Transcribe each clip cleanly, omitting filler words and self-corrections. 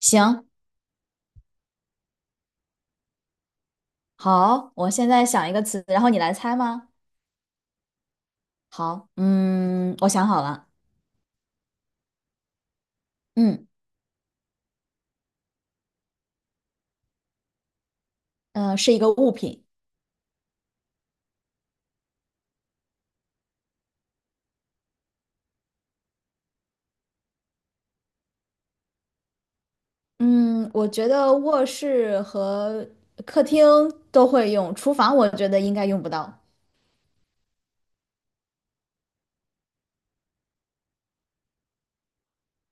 行，好，我现在想一个词，然后你来猜吗？好，我想好了。嗯，是一个物品。嗯，我觉得卧室和客厅都会用，厨房我觉得应该用不到。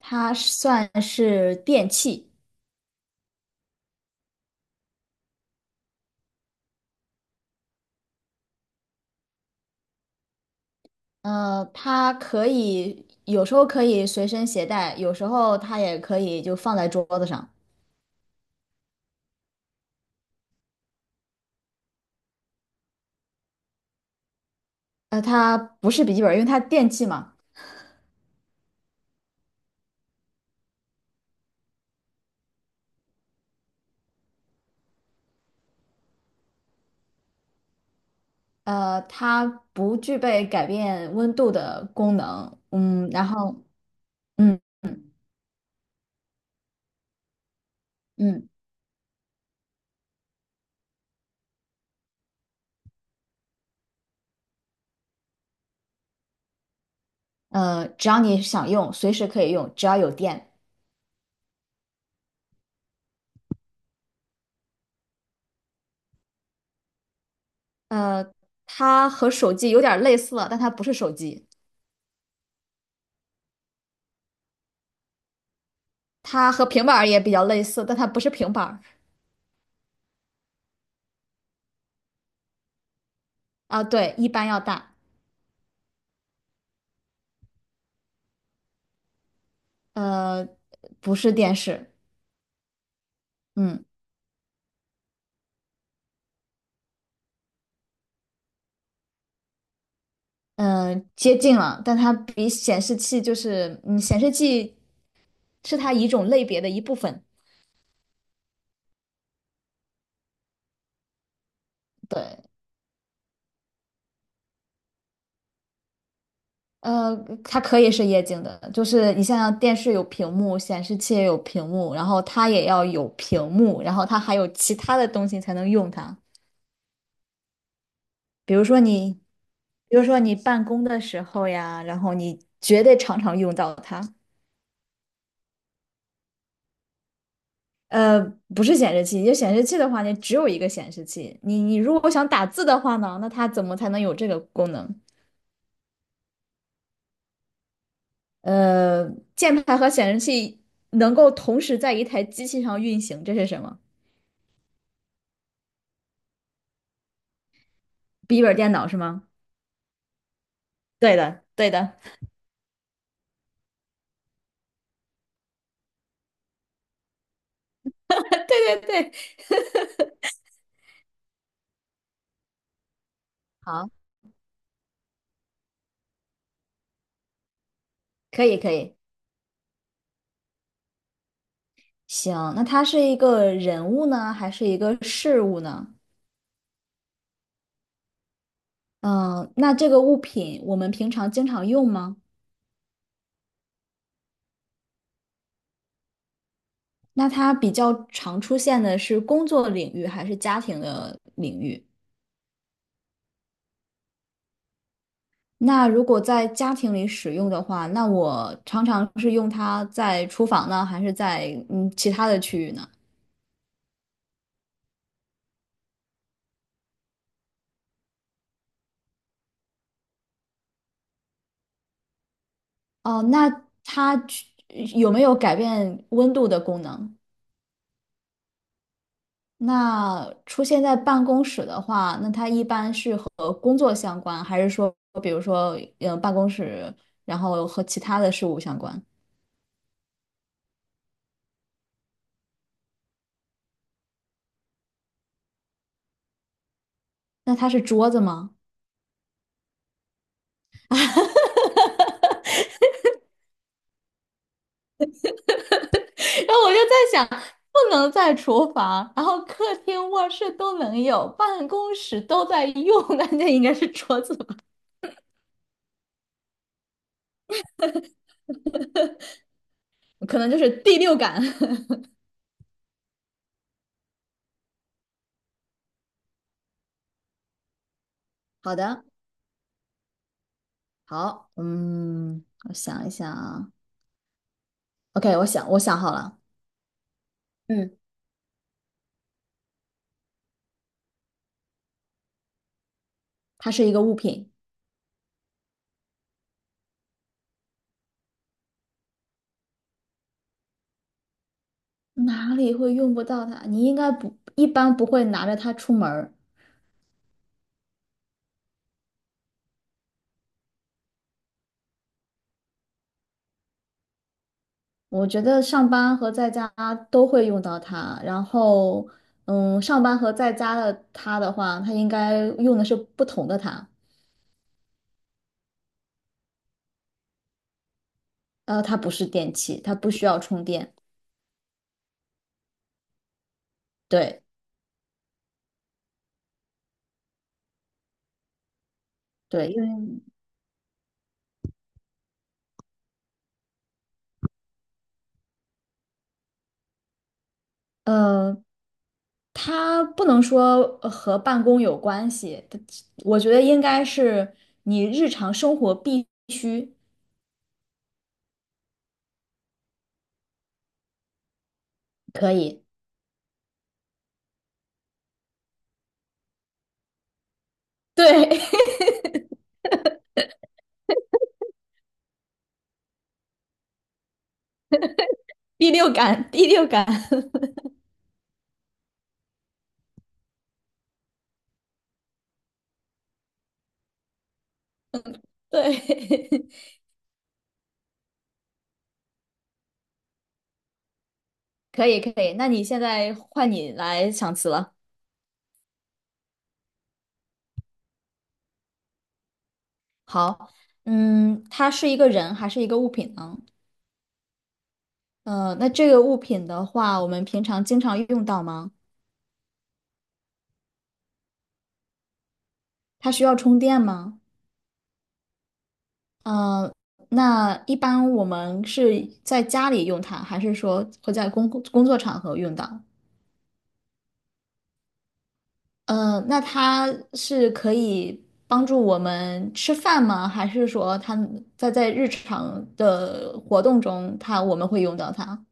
它算是电器。它可以有时候可以随身携带，有时候它也可以就放在桌子上。它不是笔记本，因为它电器嘛。它不具备改变温度的功能。嗯，然后嗯嗯只要你想用，随时可以用，只要有电。呃，它和手机有点类似了，但它不是手机。它和平板儿也比较类似，但它不是平板儿。啊，对，一般要大。呃，不是电视。嗯接近了，但它比显示器就是，嗯，显示器是它一种类别的一部分。对。呃，它可以是液晶的，就是你像电视有屏幕，显示器也有屏幕，然后它也要有屏幕，然后它还有其他的东西才能用它。比如说你，比如说你办公的时候呀，然后你绝对常常用到它。呃，不是显示器，就显示器的话，你只有一个显示器。你如果想打字的话呢，那它怎么才能有这个功能？呃，键盘和显示器能够同时在一台机器上运行，这是什么？笔记本电脑是吗？对的，对的，对对对。好，可以可以。行，那它是一个人物呢，还是一个事物呢？嗯，那这个物品我们平常经常用吗？那它比较常出现的是工作领域还是家庭的领域？那如果在家庭里使用的话，那我常常是用它在厨房呢，还是在其他的区域呢？哦，那它有没有改变温度的功能？那出现在办公室的话，那它一般是和工作相关，还是说，比如说，呃，办公室，然后和其他的事物相关？那它是桌子吗？然后我就在想，不能在厨房，然后客厅、卧室都能有，办公室都在用，那那应该是桌子吧？可能就是第六感。好的，好，嗯，我想一想啊，OK，我想好了。嗯，它是一个物品。哪里会用不到它？你应该不，一般不会拿着它出门儿。我觉得上班和在家都会用到它。然后，嗯，上班和在家的它的话，它应该用的是不同的它。它不是电器，它不需要充电。对对，因为嗯，它不能说和办公有关系，我觉得应该是你日常生活必须可以。对，第六感，第六感。对，可以可以。那你现在换你来想词了。好，嗯，它是一个人还是一个物品呢？那这个物品的话，我们平常经常用到吗？它需要充电吗？嗯，那一般我们是在家里用它，还是说会在工作场合用到？嗯，那它是可以帮助我们吃饭吗？还是说它在在日常的活动中它，我们会用到它？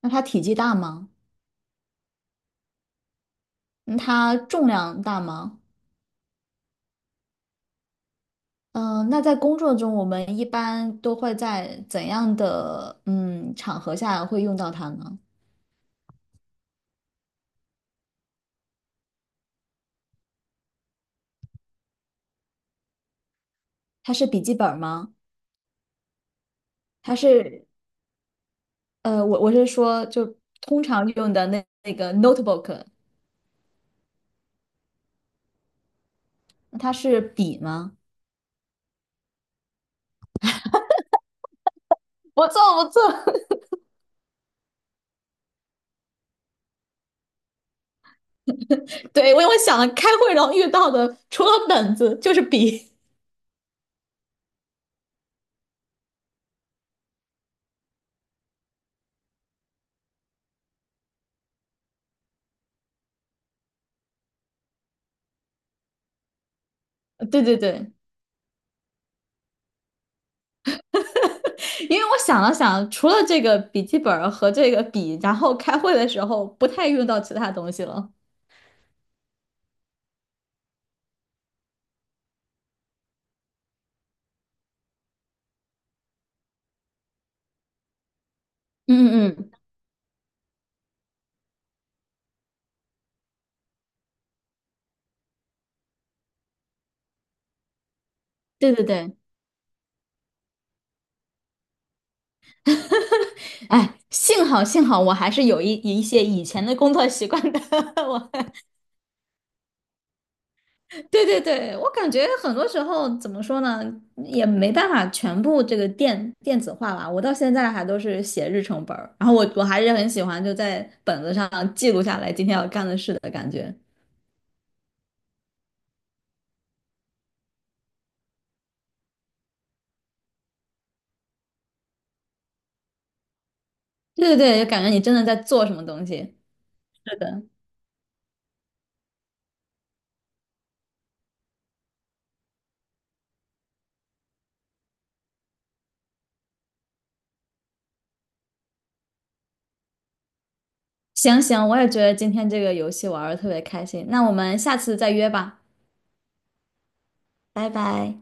那它体积大吗？嗯它重量大吗？那在工作中，我们一般都会在怎样的场合下会用到它呢？它是笔记本儿吗？它是我我是说，就通常用的那个 notebook。它是笔吗？不错不错。对，我想了开会然后遇到的，除了本子就是笔。对对对，因为我想了想，除了这个笔记本儿和这个笔，然后开会的时候不太用到其他东西了。嗯嗯嗯，对对对，哎，幸好幸好我还是有一些以前的工作习惯的，我对对对，我感觉很多时候怎么说呢，也没办法全部这个电子化吧。我到现在还都是写日程本儿，然后我还是很喜欢就在本子上记录下来今天要干的事的感觉。对对对，就感觉你真的在做什么东西。是的。行行，我也觉得今天这个游戏玩的特别开心，那我们下次再约吧，拜拜。